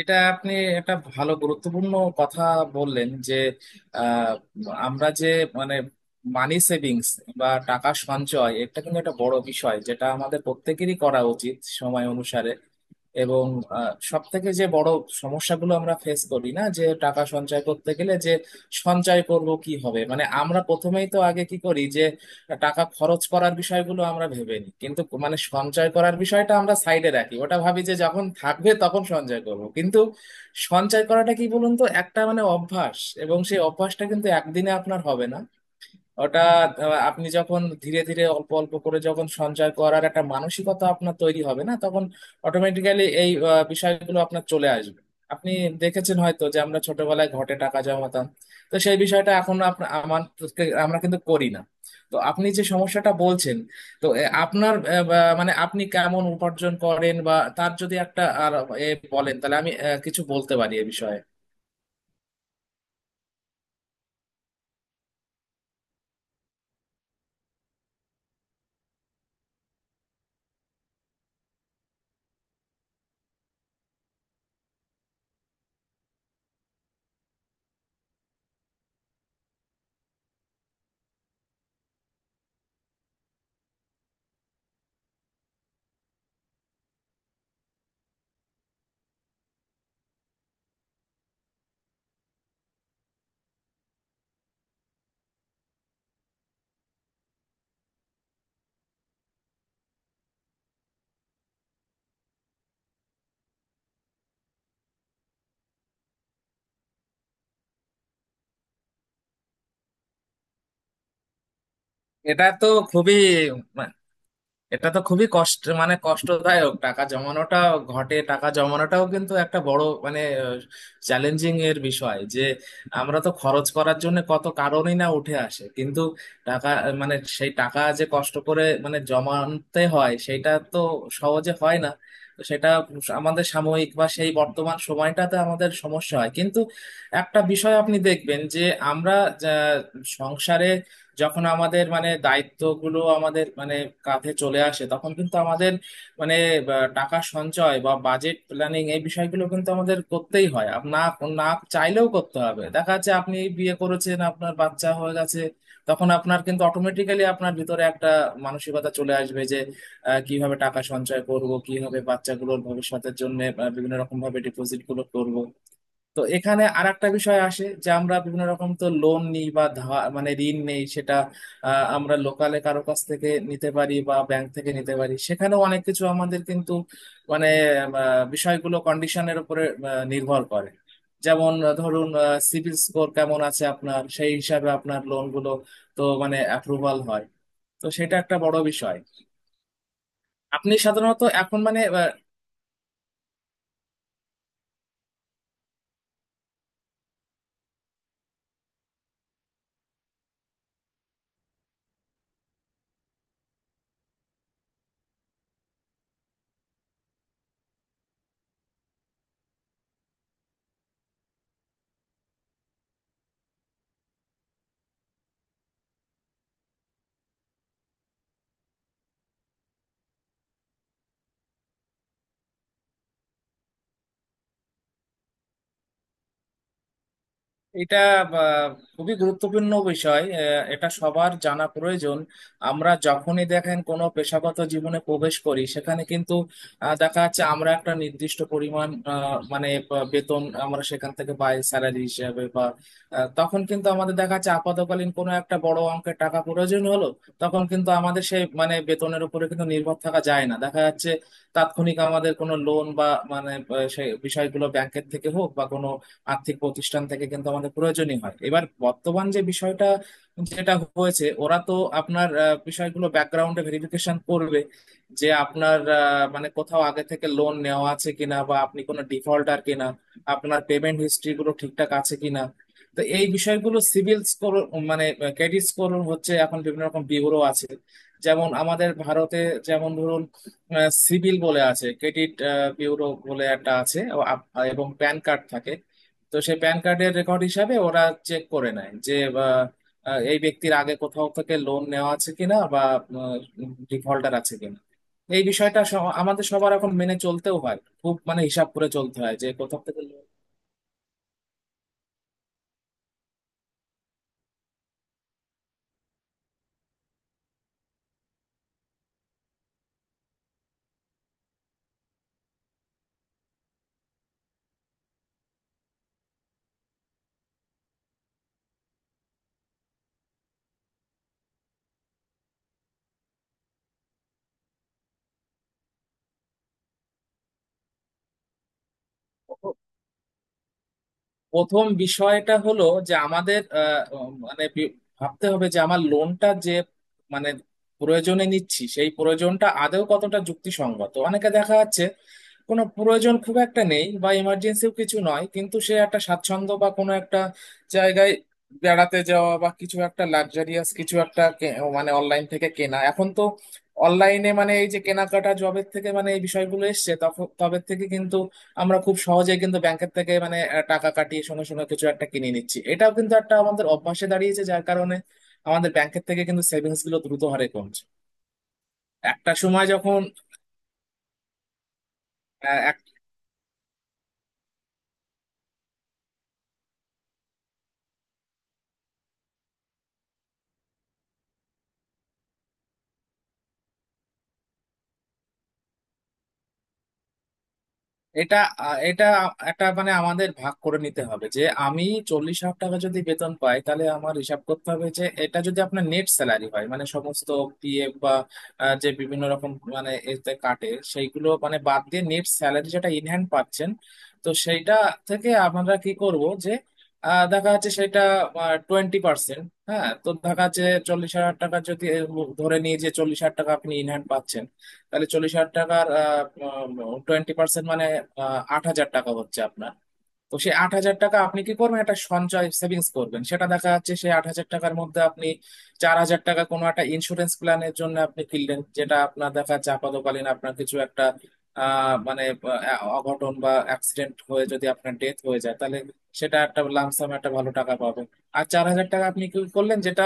এটা আপনি একটা ভালো গুরুত্বপূর্ণ কথা বললেন যে আহ, আমরা যে মানে মানি সেভিংস বা টাকা সঞ্চয় এটা কিন্তু একটা বড় বিষয় যেটা আমাদের প্রত্যেকেরই করা উচিত সময় অনুসারে। এবং সব থেকে যে বড় সমস্যাগুলো আমরা ফেস করি না যে টাকা সঞ্চয় করতে গেলে যে সঞ্চয় করব কি হবে, মানে আমরা প্রথমেই তো আগে কি করি যে টাকা খরচ করার বিষয়গুলো আমরা ভেবে নিই কিন্তু মানে সঞ্চয় করার বিষয়টা আমরা সাইডে রাখি, ওটা ভাবি যে যখন থাকবে তখন সঞ্চয় করব, কিন্তু সঞ্চয় করাটা কি বলুন তো একটা মানে অভ্যাস, এবং সেই অভ্যাসটা কিন্তু একদিনে আপনার হবে না। ওটা আপনি যখন ধীরে ধীরে অল্প অল্প করে যখন সঞ্চয় করার একটা মানসিকতা আপনার তৈরি হবে না তখন অটোমেটিক্যালি এই বিষয়গুলো আপনার চলে আসবে। আপনি দেখেছেন হয়তো যে আমরা ছোটবেলায় ঘটে টাকা জমাতাম, তো সেই বিষয়টা এখন আমাদেরকে আমরা কিন্তু করি না। তো আপনি যে সমস্যাটা বলছেন, তো আপনার মানে আপনি কেমন উপার্জন করেন বা তার যদি একটা আর এ বলেন তাহলে আমি কিছু বলতে পারি এ বিষয়ে। এটা তো খুবই এটা তো খুবই কষ্ট, মানে কষ্টদায়ক টাকা জমানোটা, ঘটে টাকা জমানোটাও কিন্তু একটা বড় মানে চ্যালেঞ্জিং এর বিষয়, যে আমরা তো খরচ করার জন্য কত কারণই না উঠে আসে কিন্তু টাকা মানে সেই টাকা যে কষ্ট করে মানে জমাতে হয় সেটা তো সহজে হয় না। তো সেটা আমাদের সাময়িক বা সেই বর্তমান সময়টাতে আমাদের সমস্যা হয় কিন্তু একটা বিষয় আপনি দেখবেন যে আমরা আহ, সংসারে যখন আমাদের মানে দায়িত্বগুলো আমাদের মানে কাঁধে চলে আসে তখন কিন্তু আমাদের মানে টাকা সঞ্চয় বা বাজেট প্ল্যানিং এই বিষয়গুলো কিন্তু আমাদের করতেই হয়, না না চাইলেও করতে হবে। দেখা যাচ্ছে আপনি বিয়ে করেছেন, আপনার বাচ্চা হয়ে গেছে, তখন আপনার কিন্তু অটোমেটিক্যালি আপনার ভিতরে একটা মানসিকতা চলে আসবে যে কিভাবে টাকা সঞ্চয় করব, কিভাবে বাচ্চাগুলোর ভবিষ্যতের জন্য বিভিন্ন রকম ভাবে ডিপোজিট গুলো করব। তো এখানে আর একটা বিষয় আসে যে আমরা বিভিন্ন রকম তো লোন নিই বা ধার মানে ঋণ নেই, সেটা আমরা লোকালে কারো কাছ থেকে নিতে পারি বা ব্যাংক থেকে নিতে পারি, সেখানেও অনেক কিছু আমাদের কিন্তু মানে বিষয়গুলো কন্ডিশনের উপরে নির্ভর করে। যেমন ধরুন সিভিল স্কোর কেমন আছে আপনার, সেই হিসাবে আপনার লোনগুলো তো মানে অ্যাপ্রুভাল হয়। তো সেটা একটা বড় বিষয়। আপনি সাধারণত এখন মানে এটা আহ, খুবই গুরুত্বপূর্ণ বিষয়, এটা সবার জানা প্রয়োজন। আমরা যখনই দেখেন কোনো পেশাগত জীবনে প্রবেশ করি সেখানে কিন্তু দেখা যাচ্ছে আমরা একটা নির্দিষ্ট পরিমাণ মানে বেতন আমরা সেখান থেকে পাই স্যালারি হিসাবে বা তখন কিন্তু আমাদের দেখা যাচ্ছে আপাতকালীন কোনো একটা বড় অঙ্কের টাকা প্রয়োজন হলো, তখন কিন্তু আমাদের সেই মানে বেতনের উপরে কিন্তু নির্ভর থাকা যায় না, দেখা যাচ্ছে তাৎক্ষণিক আমাদের কোনো লোন বা মানে সেই বিষয়গুলো ব্যাংকের থেকে হোক বা কোনো আর্থিক প্রতিষ্ঠান থেকে কিন্তু আমাদের প্রয়োজনই হয়। এবার বর্তমান যে বিষয়টা যেটা হয়েছে, ওরা তো আপনার বিষয়গুলো ব্যাকগ্রাউন্ডে ভেরিফিকেশন করবে যে আপনার মানে কোথাও আগে থেকে লোন নেওয়া আছে কিনা, বা আপনি কোনো ডিফল্টার কিনা, আপনার পেমেন্ট হিস্ট্রি গুলো ঠিকঠাক আছে কিনা। তো এই বিষয়গুলো সিভিল স্কোর মানে ক্রেডিট স্কোর হচ্ছে। এখন বিভিন্ন রকম ব্যুরো আছে, যেমন আমাদের ভারতে, যেমন ধরুন সিভিল বলে আছে, ক্রেডিট ব্যুরো বলে একটা আছে ও এবং প্যান কার্ড থাকে, তো সেই প্যান কার্ডের রেকর্ড হিসাবে ওরা চেক করে নেয় যে আহ, আহ, এই ব্যক্তির আগে কোথাও থেকে লোন নেওয়া আছে কিনা বা ডিফল্টার আছে কিনা। এই বিষয়টা আমাদের সবার এখন মেনে চলতেও হয়, খুব মানে হিসাব করে চলতে হয় যে কোথাও থেকে লোন। প্রথম বিষয়টা হলো যে আমাদের মানে ভাবতে হবে যে আমার লোনটা যে মানে প্রয়োজনে নিচ্ছি সেই প্রয়োজনটা আদৌ কতটা যুক্তিসঙ্গত। অনেকে দেখা যাচ্ছে কোনো প্রয়োজন খুব একটা নেই বা ইমার্জেন্সিও কিছু নয়, কিন্তু সে একটা স্বাচ্ছন্দ্য বা কোনো একটা জায়গায় বেড়াতে যাওয়া বা কিছু একটা লাক্সারিয়াস কিছু একটা মানে অনলাইন থেকে কেনা। এখন তো অনলাইনে মানে এই যে কেনাকাটা জবের থেকে মানে এই বিষয়গুলো এসছে তখন তবে থেকে কিন্তু আমরা খুব সহজে কিন্তু ব্যাংকের থেকে মানে টাকা কাটিয়ে সঙ্গে সঙ্গে কিছু একটা কিনে নিচ্ছি, এটাও কিন্তু একটা আমাদের অভ্যাসে দাঁড়িয়েছে যার কারণে আমাদের ব্যাংকের থেকে কিন্তু সেভিংস গুলো দ্রুত হারে কমছে। একটা সময় যখন এটা এটা একটা মানে আমাদের ভাগ করে নিতে হবে যে আমি 40,000 টাকা যদি বেতন পাই তাহলে আমার হিসাব করতে হবে যে এটা যদি আপনার নেট স্যালারি হয় মানে সমস্ত পিএফ বা যে বিভিন্ন রকম মানে এতে কাটে সেইগুলো মানে বাদ দিয়ে নেট স্যালারি যেটা ইনহ্যান্ড পাচ্ছেন, তো সেইটা থেকে আমরা কি করব যে দেখা যাচ্ছে সেটা 20%। হ্যাঁ, তো দেখা যাচ্ছে 40,000 টাকা যদি ধরে নিয়ে যে 40,000 টাকা আপনি ইনহ্যান্ড পাচ্ছেন, তাহলে 40,000 টাকার 20% মানে 8,000 টাকা হচ্ছে আপনার। তো সে 8,000 টাকা আপনি কি করবেন, একটা সঞ্চয় সেভিংস করবেন, সেটা দেখা যাচ্ছে সে 8,000 টাকার মধ্যে আপনি 4,000 টাকা কোনো একটা ইন্স্যুরেন্স প্ল্যানের জন্য আপনি কিনলেন, যেটা আপনার দেখা যাচ্ছে আপাতকালীন আপনার কিছু একটা মানে অঘটন বা অ্যাক্সিডেন্ট হয়ে যদি আপনার ডেথ হয়ে যায় তাহলে সেটা একটা লামসাম একটা ভালো টাকা পাবেন। আর 4,000 টাকা আপনি কি করলেন যেটা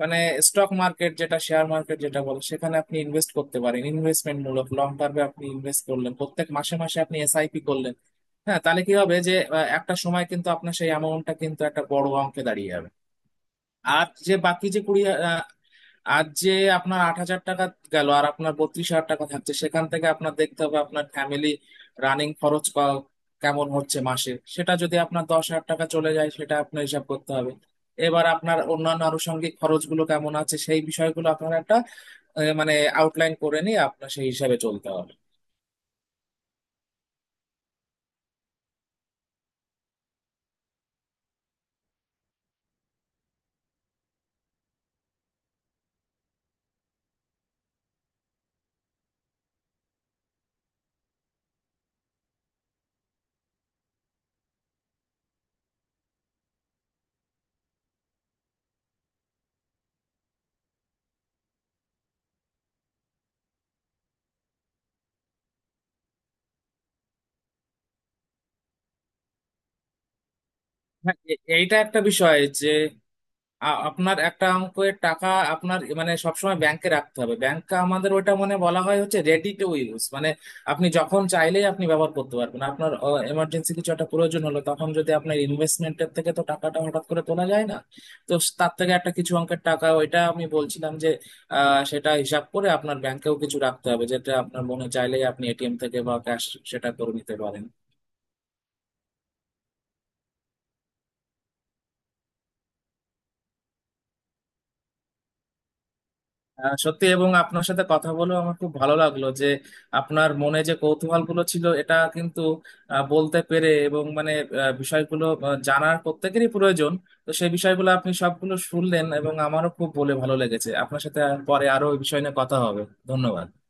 মানে স্টক মার্কেট যেটা শেয়ার মার্কেট যেটা বলে সেখানে আপনি ইনভেস্ট করতে পারেন, ইনভেস্টমেন্ট মূলক লং টার্মে আপনি ইনভেস্ট করলেন প্রত্যেক মাসে মাসে আপনি এসআইপি করলেন। হ্যাঁ, তাহলে কি হবে যে একটা সময় কিন্তু আপনার সেই অ্যামাউন্টটা কিন্তু একটা বড় অঙ্কে দাঁড়িয়ে যাবে। আর যে বাকি যে 20 আর যে আপনার 8,000 টাকা গেল আর আপনার 32,000 টাকা থাকছে, সেখান থেকে আপনার দেখতে হবে আপনার ফ্যামিলি রানিং খরচ কেমন হচ্ছে মাসে, সেটা যদি আপনার 10,000 টাকা চলে যায় সেটা আপনার হিসাব করতে হবে। এবার আপনার অন্যান্য আনুষঙ্গিক খরচগুলো কেমন আছে সেই বিষয়গুলো আপনার একটা মানে আউটলাইন করে নিয়ে আপনার সেই হিসাবে চলতে হবে। হ্যাঁ, এইটা একটা বিষয় যে আপনার একটা অঙ্কের টাকা আপনার মানে সবসময় ব্যাংকে রাখতে হবে, ব্যাংকে আমাদের ওটা মানে বলা হয় হচ্ছে রেডি টু ইউজ মানে আপনি যখন চাইলেই আপনি ব্যবহার করতে পারবেন। আপনার এমার্জেন্সি কিছু একটা প্রয়োজন হলো, তখন যদি আপনার ইনভেস্টমেন্টের থেকে তো টাকাটা হঠাৎ করে তোলা যায় না, তো তার থেকে একটা কিছু অঙ্কের টাকা ওইটা আমি বলছিলাম যে সেটা হিসাব করে আপনার ব্যাংকেও কিছু রাখতে হবে যেটা আপনার মনে চাইলেই আপনি এটিএম থেকে বা ক্যাশ সেটা করে নিতে পারেন। সত্যি, এবং আপনার সাথে কথা বলেও আমার খুব ভালো লাগলো যে আপনার মনে যে কৌতূহল গুলো ছিল এটা কিন্তু বলতে পেরে, এবং মানে বিষয়গুলো জানার প্রত্যেকেরই প্রয়োজন। তো সেই বিষয়গুলো আপনি সবগুলো শুনলেন এবং আমারও খুব বলে ভালো লেগেছে আপনার সাথে, আর পরে আরো ওই বিষয় নিয়ে কথা হবে। ধন্যবাদ।